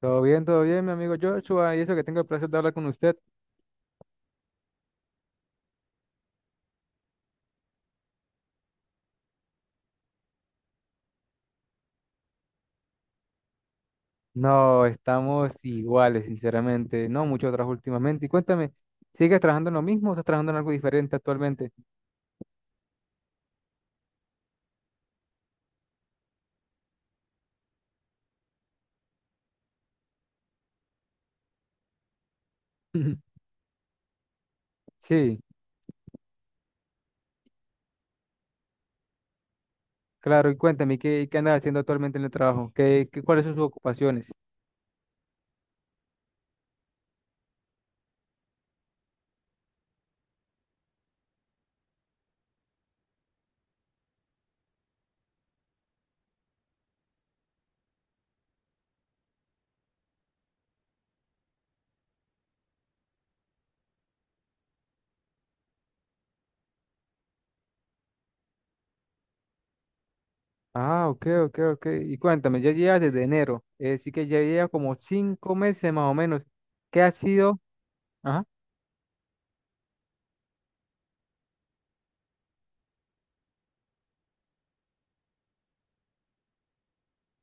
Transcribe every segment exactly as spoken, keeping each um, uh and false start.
Todo bien, todo bien, mi amigo Joshua, y eso que tengo el placer de hablar con usted. No, estamos iguales, sinceramente. No mucho trabajo últimamente. Y cuéntame, ¿sigues trabajando en lo mismo o estás trabajando en algo diferente actualmente? Sí, claro, y cuéntame, ¿qué, qué andas haciendo actualmente en el trabajo? ¿Qué, qué- Cuáles son sus ocupaciones? Ah, ok, ok, ok. Y cuéntame, ya llevas desde enero, eh, sí que ya llevas como cinco meses más o menos. ¿Qué ha sido? Ajá.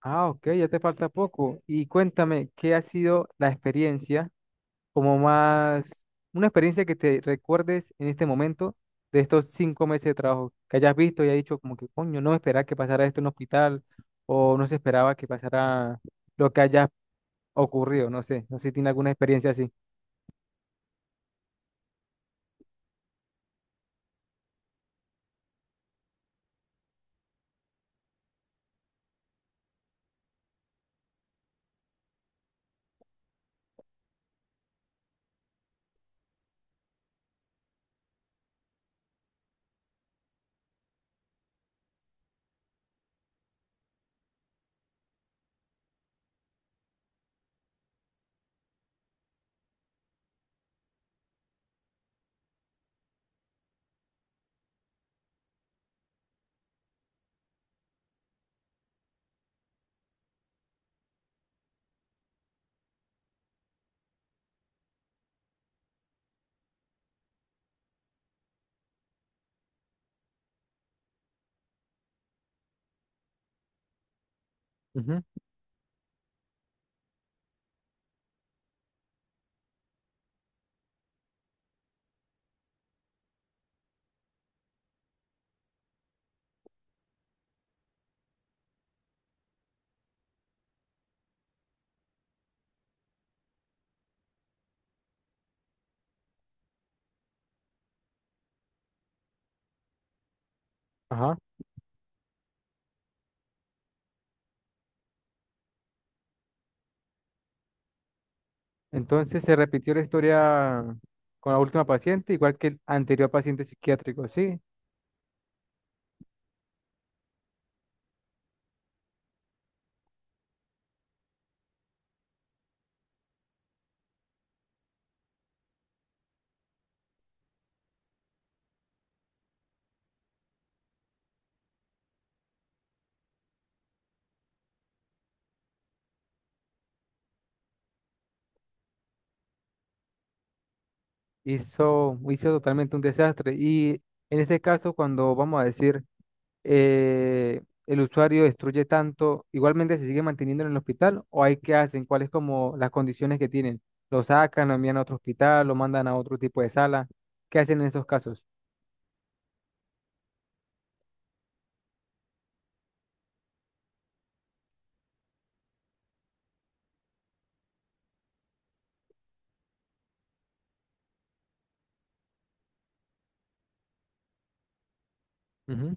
Ah, ok, ya te falta poco. Y cuéntame, ¿qué ha sido la experiencia? Como más, una experiencia que te recuerdes en este momento de estos cinco meses de trabajo, que hayas visto y hayas dicho como que coño, no esperaba que pasara esto en un hospital o no se esperaba que pasara lo que haya ocurrido, no sé, no sé si tiene alguna experiencia así. Ujú. Ajá. Entonces se repitió la historia con la última paciente, igual que el anterior paciente psiquiátrico, sí, hizo, hizo totalmente un desastre. Y en ese caso, cuando vamos a decir, eh, el usuario destruye tanto, igualmente se sigue manteniendo en el hospital o hay que hacen, cuáles como las condiciones que tienen. Lo sacan, lo envían a otro hospital, lo mandan a otro tipo de sala. ¿Qué hacen en esos casos? Ujú.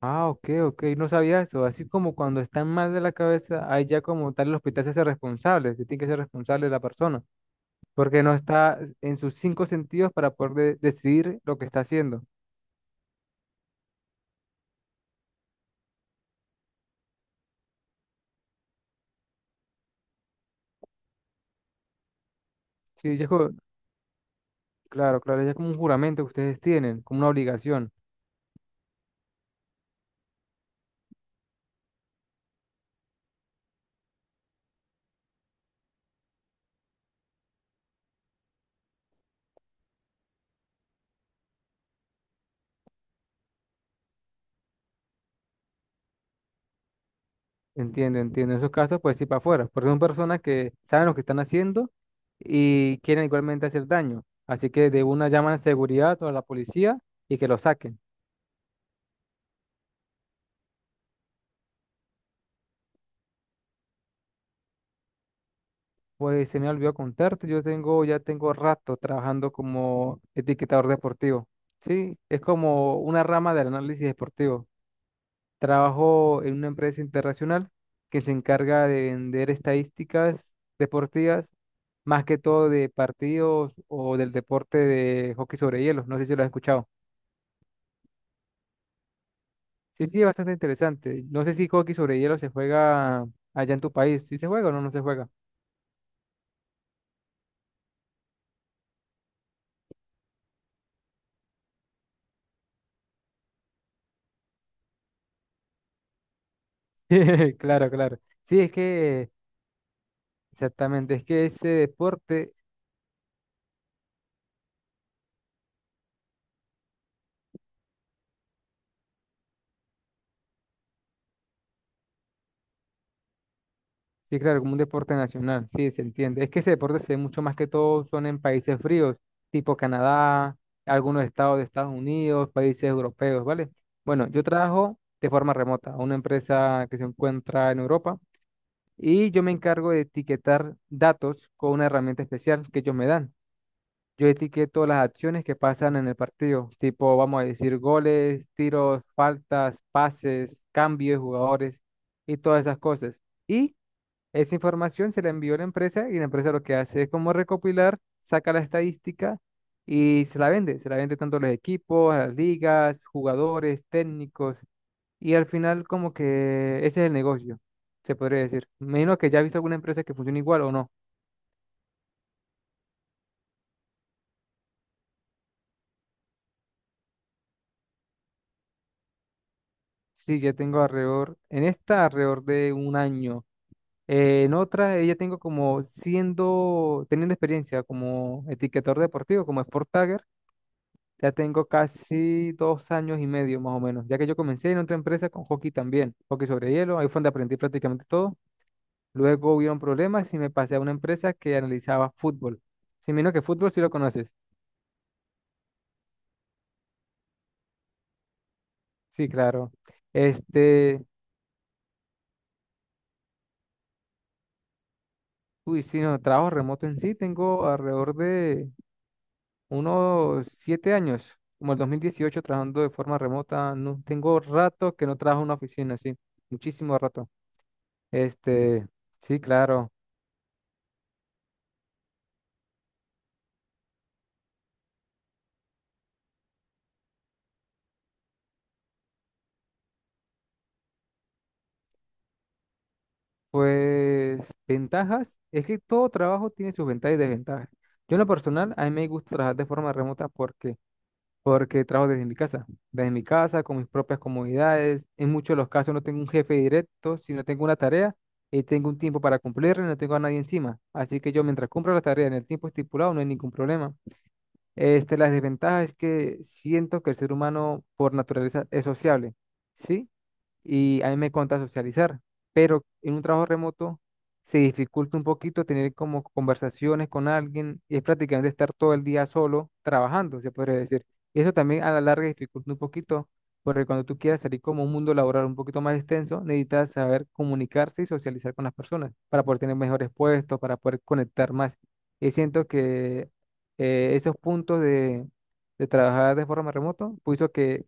Ah, ok, ok, no sabía eso. Así como cuando están mal de la cabeza, ahí ya como tal el hospital se hace responsable, se tiene que ser responsable de la persona, porque no está en sus cinco sentidos para poder de- decidir lo que está haciendo. Sí, ya es como claro, claro, ya es como un juramento que ustedes tienen, como una obligación. Entiendo, entiendo. En esos casos, pues sí, para afuera, porque son personas que saben lo que están haciendo y quieren igualmente hacer daño. Así que de una llaman a seguridad o a la policía y que lo saquen. Pues se me olvidó contarte, yo tengo, ya tengo rato trabajando como etiquetador deportivo. Sí, es como una rama del análisis deportivo. Trabajo en una empresa internacional que se encarga de vender estadísticas deportivas, más que todo de partidos o del deporte de hockey sobre hielo. No sé si lo has escuchado. Sí, sí, es bastante interesante. No sé si hockey sobre hielo se juega allá en tu país. ¿Sí se juega o no, no se juega? Claro, claro. Sí, es que exactamente, es que ese deporte. Sí, claro, como un deporte nacional, sí, se entiende. Es que ese deporte se ve mucho más que todo son en países fríos, tipo Canadá, algunos estados de Estados Unidos, países europeos, ¿vale? Bueno, yo trabajo de forma remota a una empresa que se encuentra en Europa y yo me encargo de etiquetar datos con una herramienta especial que ellos me dan. Yo etiqueto las acciones que pasan en el partido, tipo, vamos a decir, goles, tiros, faltas, pases, cambios de jugadores y todas esas cosas. Y esa información se la envió a la empresa, y la empresa lo que hace es como recopilar, saca la estadística y se la vende. Se la vende tanto a los equipos, a las ligas, jugadores, técnicos, y al final como que ese es el negocio, se podría decir. Me imagino que ya has visto alguna empresa que funciona igual o no. Sí, ya tengo alrededor, en esta alrededor de un año. Eh, en otra, eh, ya tengo como siendo, teniendo experiencia como etiquetador deportivo, como Sport Tagger. Ya tengo casi dos años y medio más o menos, ya que yo comencé en otra empresa con hockey también, hockey sobre hielo, ahí fue donde aprendí prácticamente todo. Luego hubieron problemas y me pasé a una empresa que analizaba fútbol. Si menos que fútbol, si lo conoces. Sí, claro. Este, uy, sí, no, trabajo remoto en sí, tengo alrededor de unos siete años, como el dos mil dieciocho trabajando de forma remota. No, tengo rato que no trabajo en una oficina, sí, muchísimo rato. Este, sí, claro. Pues ventajas, es que todo trabajo tiene sus ventajas y desventajas. Yo en lo personal, a mí me gusta trabajar de forma remota porque, porque trabajo desde mi casa, desde mi casa, con mis propias comodidades. En muchos de los casos no tengo un jefe directo, sino tengo una tarea y tengo un tiempo para cumplirla y no tengo a nadie encima. Así que yo mientras cumplo la tarea en el tiempo estipulado no hay ningún problema. Este, la desventaja es que siento que el ser humano por naturaleza es sociable, ¿sí? Y a mí me encanta socializar, pero en un trabajo remoto se dificulta un poquito tener como conversaciones con alguien, y es prácticamente estar todo el día solo trabajando, se podría decir. Y eso también a la larga dificulta un poquito, porque cuando tú quieras salir como un mundo laboral un poquito más extenso, necesitas saber comunicarse y socializar con las personas para poder tener mejores puestos, para poder conectar más. Y siento que eh, esos puntos de, de trabajar de forma remoto, puso que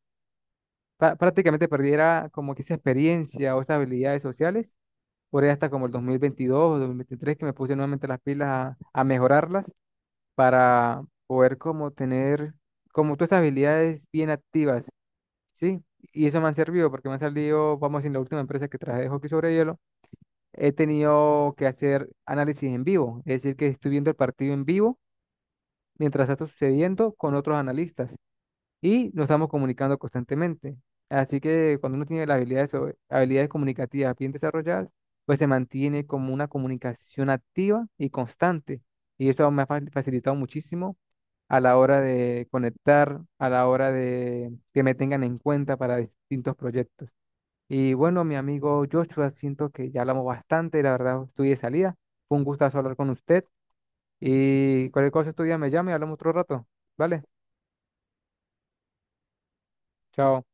prá- prácticamente perdiera como que esa experiencia o esas habilidades sociales, por ahí hasta como el dos mil veintidós o dos mil veintitrés, que me puse nuevamente las pilas a, a mejorarlas para poder como tener como todas esas habilidades bien activas, ¿sí? Y eso me han servido porque me han salido, vamos a decir, en la última empresa que traje de hockey sobre hielo, he tenido que hacer análisis en vivo, es decir, que estoy viendo el partido en vivo mientras está sucediendo con otros analistas y nos estamos comunicando constantemente. Así que cuando uno tiene las habilidades, sobre- habilidades comunicativas bien desarrolladas, pues se mantiene como una comunicación activa y constante. Y eso me ha fa- facilitado muchísimo a la hora de conectar, a la hora de que me tengan en cuenta para distintos proyectos. Y bueno, mi amigo Joshua, siento que ya hablamos bastante, la verdad estoy de salida. Fue un gustazo hablar con usted y cualquier cosa estudia me llame y hablamos otro rato. ¿Vale? Chao.